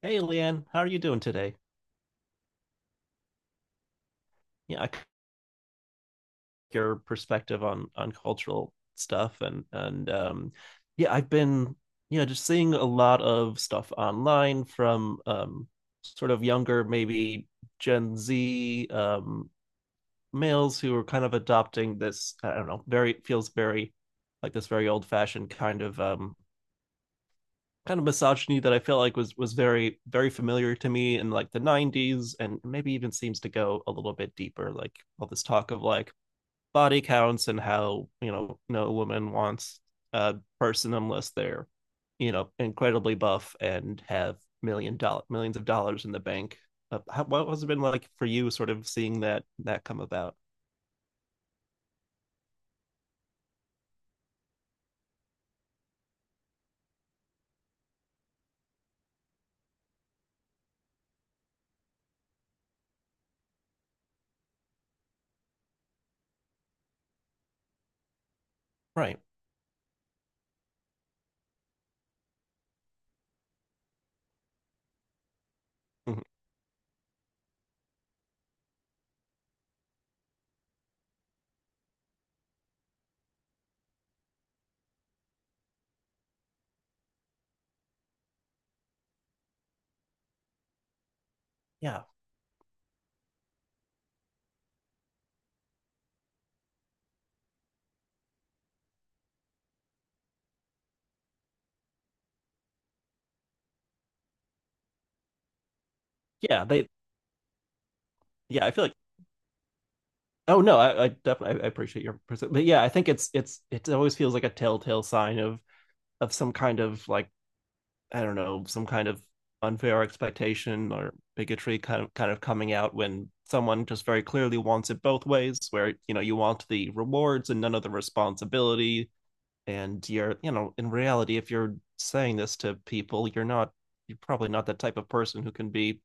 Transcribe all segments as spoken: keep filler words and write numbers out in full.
Hey, Leanne, how are you doing today? Yeah, I c- your perspective on on cultural stuff and and um yeah, I've been yeah, just seeing a lot of stuff online from um sort of younger, maybe Gen Z, um males who are kind of adopting this, I don't know, very feels very, like, this very old-fashioned kind of, um kind of misogyny that I feel like was was very, very familiar to me in like the nineties, and maybe even seems to go a little bit deeper, like all this talk of, like, body counts, and how, you know, no woman wants a person unless they're, you know, incredibly buff and have million dollar millions of dollars in the bank. Uh, how, what has it been like for you, sort of seeing that that come about? Right. mm-hmm. Yeah. yeah they Yeah, i feel like Oh, no, I, I definitely I appreciate your perspective, but yeah, I think it's it's it always feels like a telltale sign of, of some kind of, like, I don't know, some kind of unfair expectation or bigotry, kind of kind of coming out when someone just very clearly wants it both ways, where, you know, you want the rewards and none of the responsibility, and you're you know, in reality, if you're saying this to people, you're not, you're probably not that type of person who can be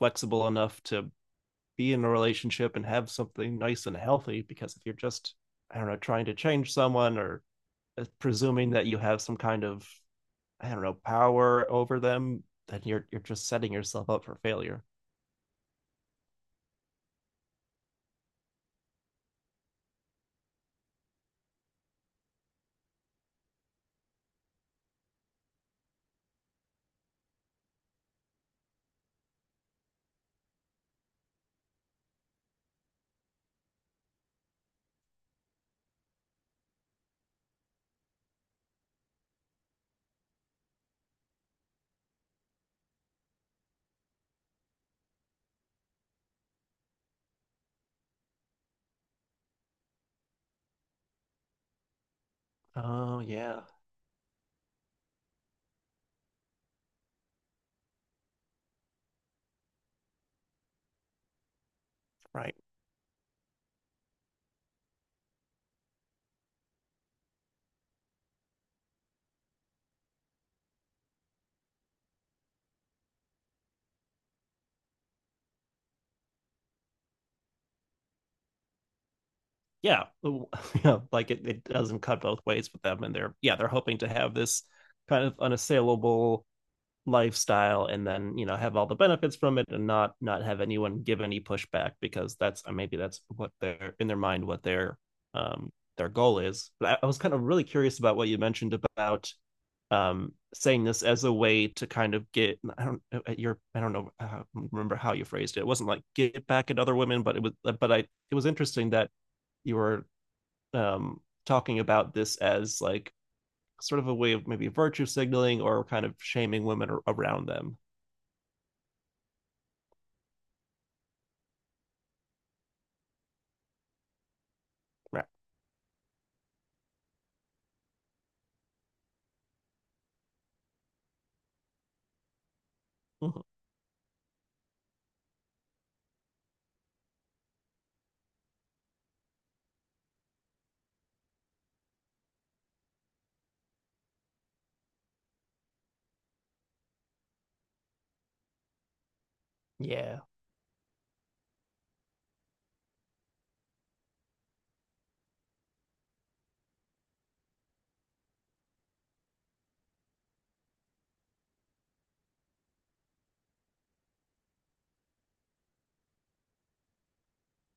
flexible enough to be in a relationship and have something nice and healthy, because if you're just, I don't know, trying to change someone, or uh, presuming that you have some kind of, I don't know, power over them, then you're you're just setting yourself up for failure. Oh, yeah. Right. Yeah. Yeah, like it, it doesn't cut both ways with them, and they're yeah they're hoping to have this kind of unassailable lifestyle, and then, you know, have all the benefits from it, and not not have anyone give any pushback, because that's, uh, maybe that's what they're, in their mind, what their um their goal is. But I, was kind of really curious about what you mentioned about, um saying this as a way to kind of, get I don't, at your I don't know, uh, remember how you phrased it. It wasn't like get back at other women, but it was, uh, but I it was interesting that you were, um talking about this as, like, sort of a way of maybe virtue signaling or kind of shaming women around them. Mhm. Yeah.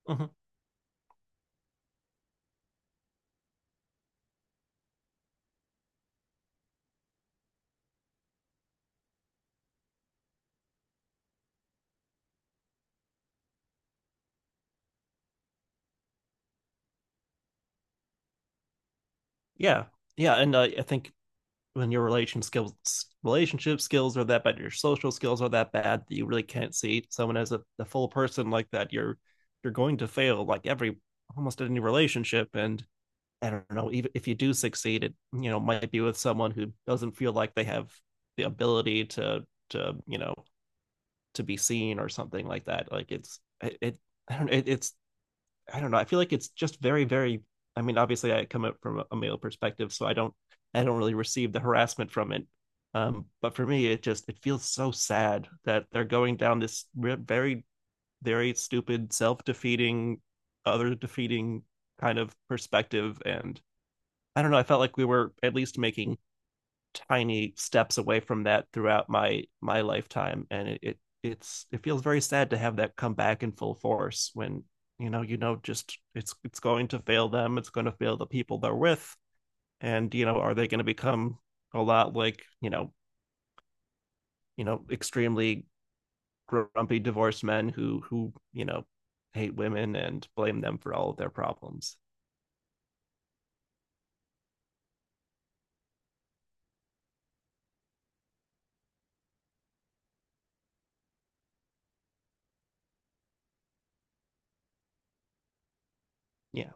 Mhm. Yeah. Yeah. And, uh, I think when your relation skills, relationship skills are that bad, your social skills are that bad, that you really can't see someone as a, a full person like that, you're you're going to fail like every almost any relationship. And, I don't know, even if you do succeed, it, you know, might be with someone who doesn't feel like they have the ability to, to you know to be seen or something like that. Like it's it, it I don't know, it, it's I don't know. I feel like it's just very, very. I mean, obviously, I come up from a- male perspective, so I don't, I don't really receive the harassment from it. Um, but for me, it just it feels so sad that they're going down this very, very stupid, self-defeating, other defeating kind of perspective. And I don't know. I felt like we were at least making tiny steps away from that throughout my my lifetime, and it, it it's it feels very sad to have that come back in full force, when, you know you know just it's it's going to fail them, it's going to fail the people they're with. And, you know, are they going to become a lot like, you know, you know extremely grumpy divorced men who who, you know, hate women and blame them for all of their problems. Yeah.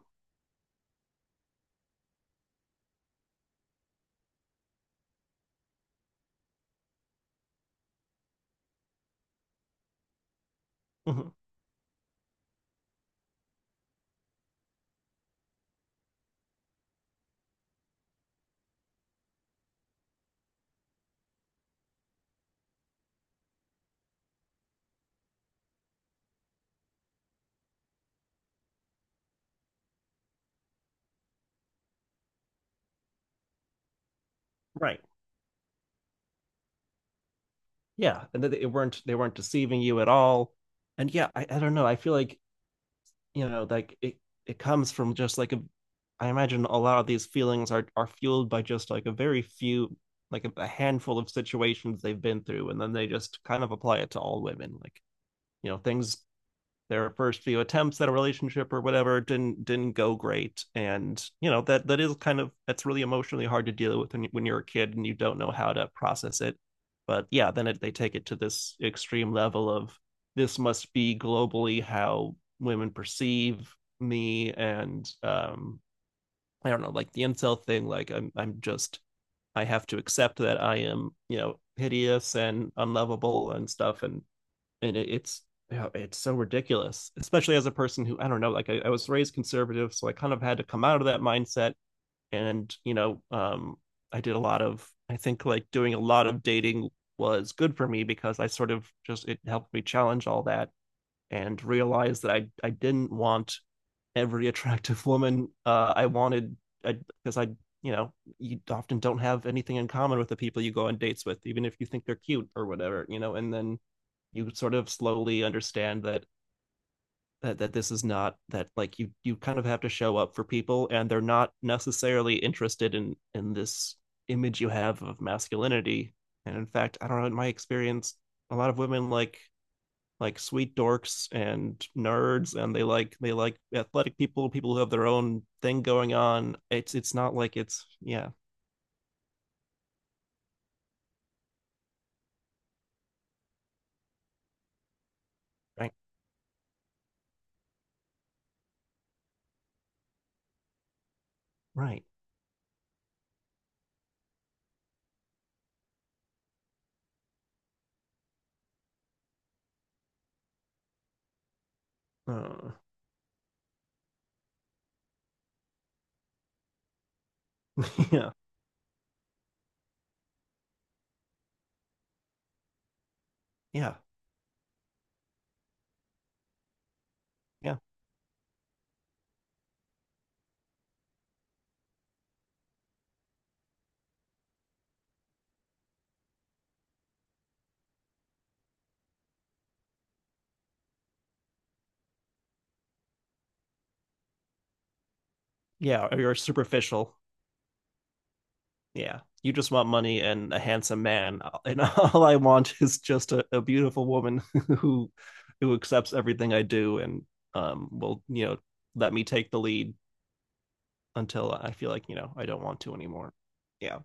mm-hmm. Right. Yeah, and they weren't they weren't deceiving you at all. And, yeah, I, I don't know, I feel like, you know, like it it comes from just like, a I imagine a lot of these feelings are are fueled by just like a very few, like, a, a handful of situations they've been through. And then they just kind of apply it to all women, like, you know, things, their first few attempts at a relationship or whatever didn't didn't go great, and, you know, that that is kind of that's really emotionally hard to deal with when, when you're a kid and you don't know how to process it. But yeah, then it, they take it to this extreme level of, this must be globally how women perceive me. And, um I don't know, like the incel thing, like, i'm i'm just i have to accept that I am, you know, hideous and unlovable and stuff. And and it, it's yeah, it's so ridiculous, especially as a person who, I don't know, like I, I was raised conservative, so I kind of had to come out of that mindset. And, you know, um, I did a lot of, I think, like, doing a lot of dating was good for me, because I sort of just it helped me challenge all that, and realize that I I didn't want every attractive woman. Uh, I wanted, because I, I you know, you often don't have anything in common with the people you go on dates with, even if you think they're cute or whatever, you know. And then you sort of slowly understand that, that, that this is not that, like, you you kind of have to show up for people, and they're not necessarily interested in, in this image you have of masculinity. And in fact, I don't know, in my experience, a lot of women like like sweet dorks and nerds, and they like they like athletic people, people who have their own thing going on. It's it's not like it's, yeah. Right. Right. uh, yeah, yeah, yeah. Yeah, or you're superficial. Yeah. You just want money and a handsome man. And all I want is just a, a beautiful woman, who who accepts everything I do, and, um will, you know, let me take the lead until I feel like, you know, I don't want to anymore. Yeah.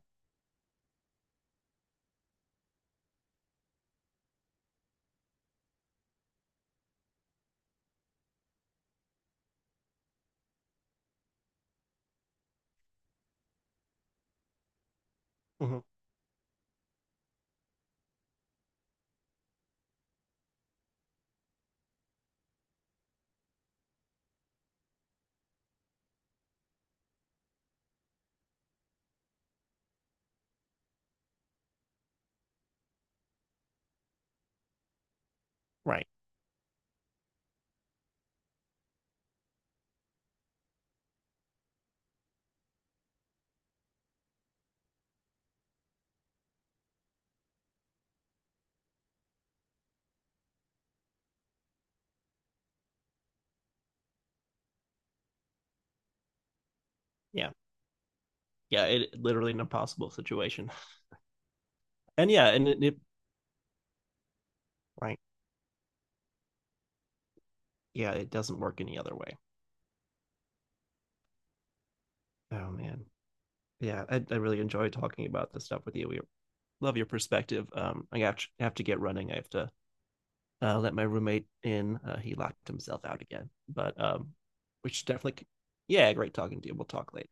Hmm. Right. Yeah. Yeah, it literally an impossible situation. And, yeah, and it, it right. Yeah, it doesn't work any other way. Oh man, yeah, I, I really enjoy talking about this stuff with you. We love your perspective. Um, I have to, have to get running. I have to uh, let my roommate in. Uh, he locked himself out again, but, um, we should definitely, yeah, great talking to you. We'll talk later.